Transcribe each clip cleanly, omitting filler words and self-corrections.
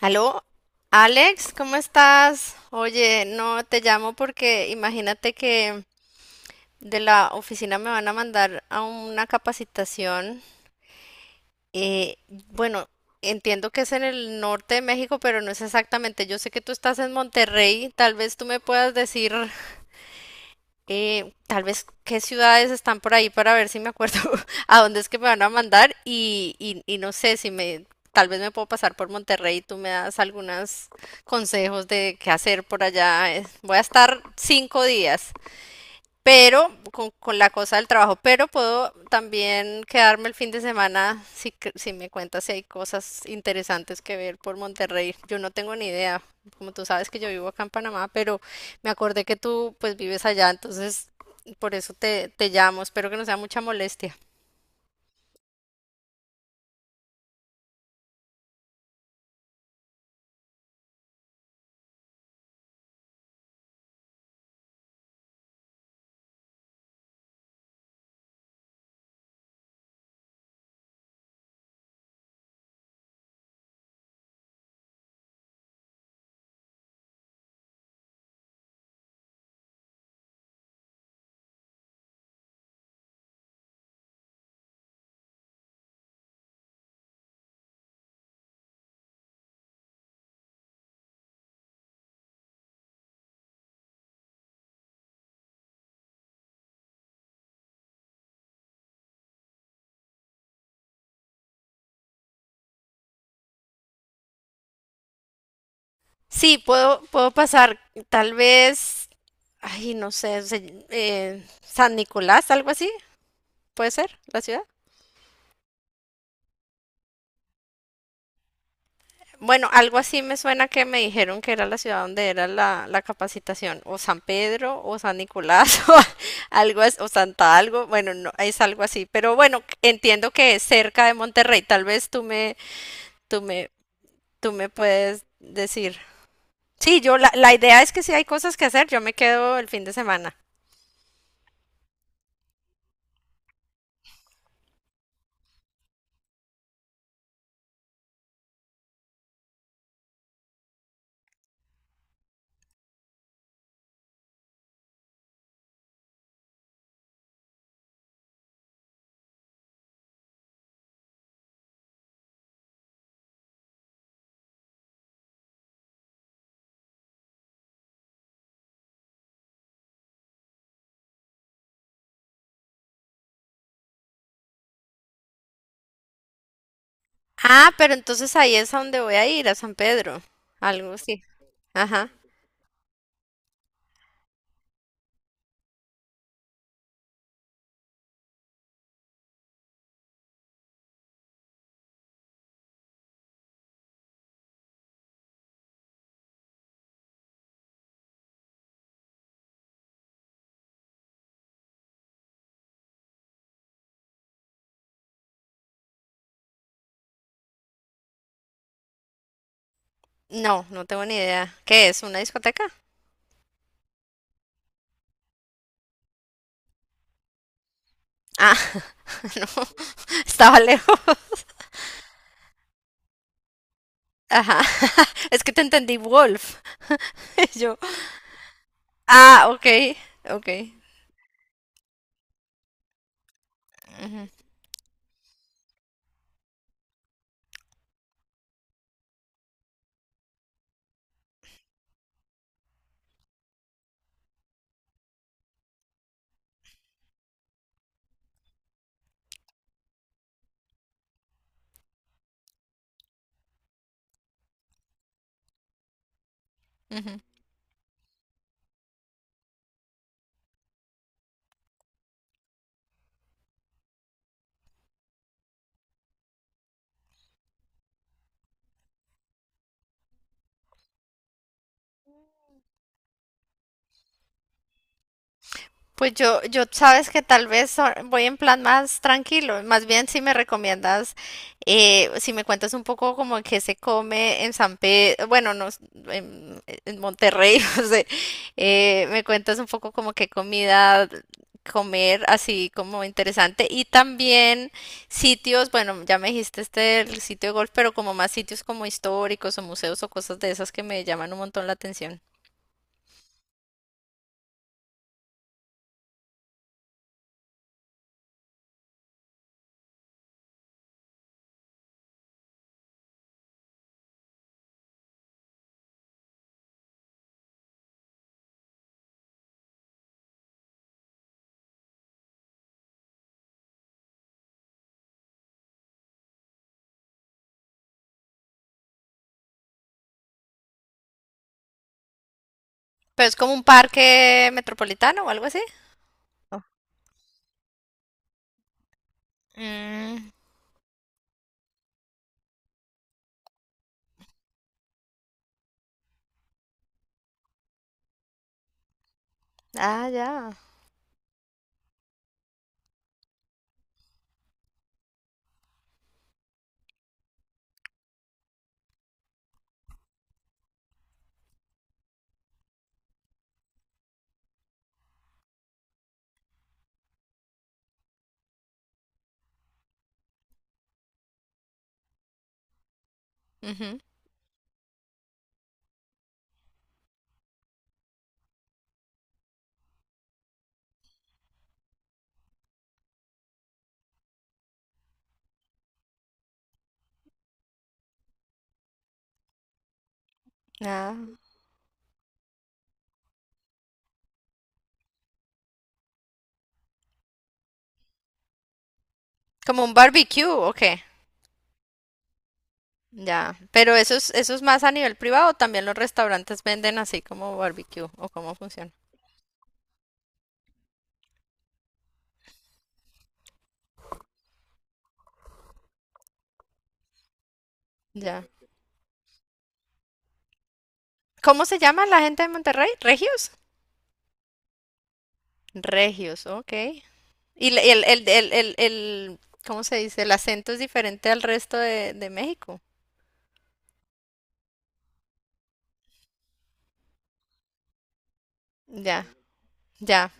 Aló, Alex, ¿cómo estás? Oye, no te llamo porque imagínate que de la oficina me van a mandar a una capacitación. Eh, bueno, Entiendo que es en el norte de México, pero no es exactamente. Yo sé que tú estás en Monterrey, tal vez tú me puedas decir tal vez qué ciudades están por ahí para ver si me acuerdo a dónde es que me van a mandar y no sé si tal vez me puedo pasar por Monterrey y tú me das algunos consejos de qué hacer por allá. Voy a estar 5 días pero con la cosa del trabajo, pero puedo también quedarme el fin de semana si, cre- si me cuentas si hay cosas interesantes que ver por Monterrey. Yo no tengo ni idea, como tú sabes que yo vivo acá en Panamá, pero me acordé que tú pues vives allá, entonces por eso te llamo, espero que no sea mucha molestia. Sí, puedo pasar tal vez, ay, no sé, se- San Nicolás, algo así, ¿puede ser la ciudad? Bueno, algo así me suena que me dijeron que era la ciudad donde era la capacitación, o San Pedro, o San Nicolás, o algo, as- o Santa algo, bueno, no, es algo así, pero bueno, entiendo que es cerca de Monterrey, tal vez tú me, tú me, tú me puedes decir. Sí, la idea es que si hay cosas que hacer, yo me quedo el fin de semana. Ah, pero entonces ahí es a donde voy a ir, a San Pedro, algo así. Ajá. No, no tengo ni idea. ¿Qué es? ¿Una discoteca? Ah, no, estaba lejos. Ajá, es que te entendí Wolf. Yo, ah, ok, ok. Ujú, ujú. Pues yo sabes que tal vez so- voy en plan más tranquilo. Más bien si me recomiendas, si me cuentas un poco como que se come en San Pedro, bueno, no, s- en, en Monterrey, no sé, me cuentas un poco como qué comida comer, así como interesante. Y también sitios, bueno, ya me dijiste este el sitio de golf, pero como más sitios como históricos o museos o cosas de esas que me llaman un montón la atención. Pero es como un parque metropolitano o algo así. Oh, mm, ah, ya. Ujú, ah. Como un barbecue, ok. Ya. Pero eso es más a nivel privado. También los restaurantes venden así como barbecue o cómo funciona. Ya. ¿Cómo se llama la gente de Monterrey? ¿Regios? Regios, ok. Y le- ¿cómo se dice? El acento es diferente al resto de México. Ya, ya,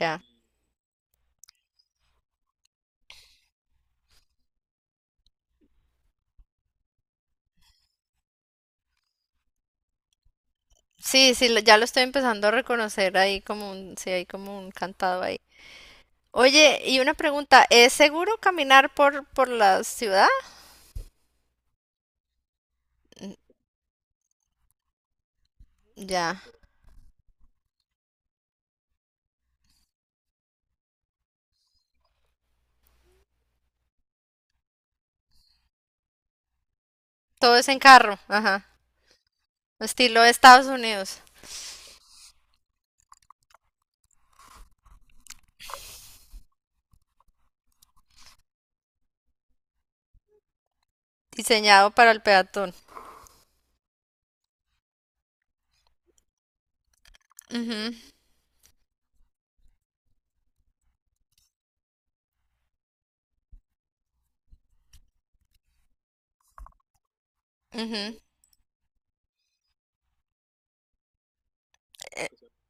ya. Sí, sí, lo- ya lo estoy empezando a reconocer ahí como un, sí, hay como un cantado ahí. Oye, y una pregunta, ¿es seguro caminar por la ciudad? Ya. Todo es en carro, ajá. Estilo Estados Unidos, diseñado para el peatón. Ujú, ujú.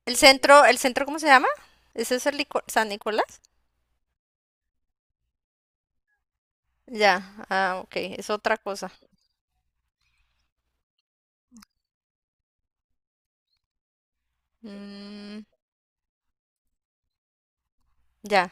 ¿El centro cómo se llama? ¿Ese es el Nico- San Nicolás? Ya, ah, ok, es otra cosa. Mm, ya.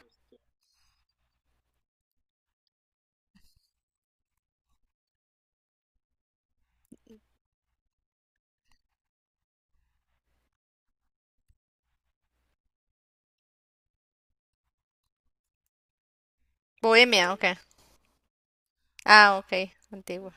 Bohemia, ok. Ah, ok. Antigua.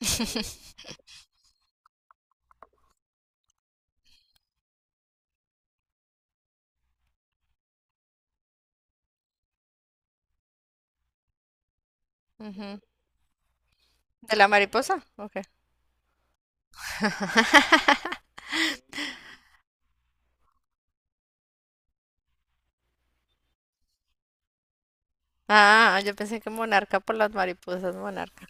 Ujú. ¿De la mariposa? Ok. Ah, yo pensé que monarca por las mariposas, monarca.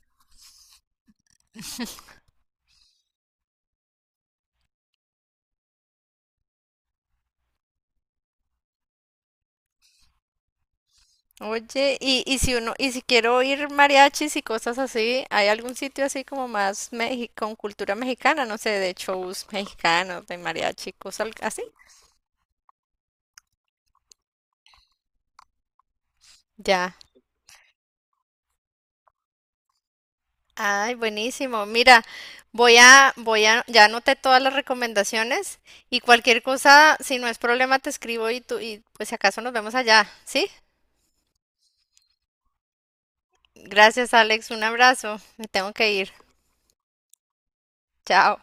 Oye, y si uno, y si quiero oír mariachis y cosas así, ¿hay algún sitio así como más mexi- con cultura mexicana? No sé, de shows mexicanos, de mariachi, cosas al- así. Ya. Ay, buenísimo. Mira, ya anoté todas las recomendaciones y cualquier cosa, si no es problema, te escribo y tú, y pues si acaso nos vemos allá, ¿sí? Gracias, Alex. Un abrazo. Me tengo que ir. Chao.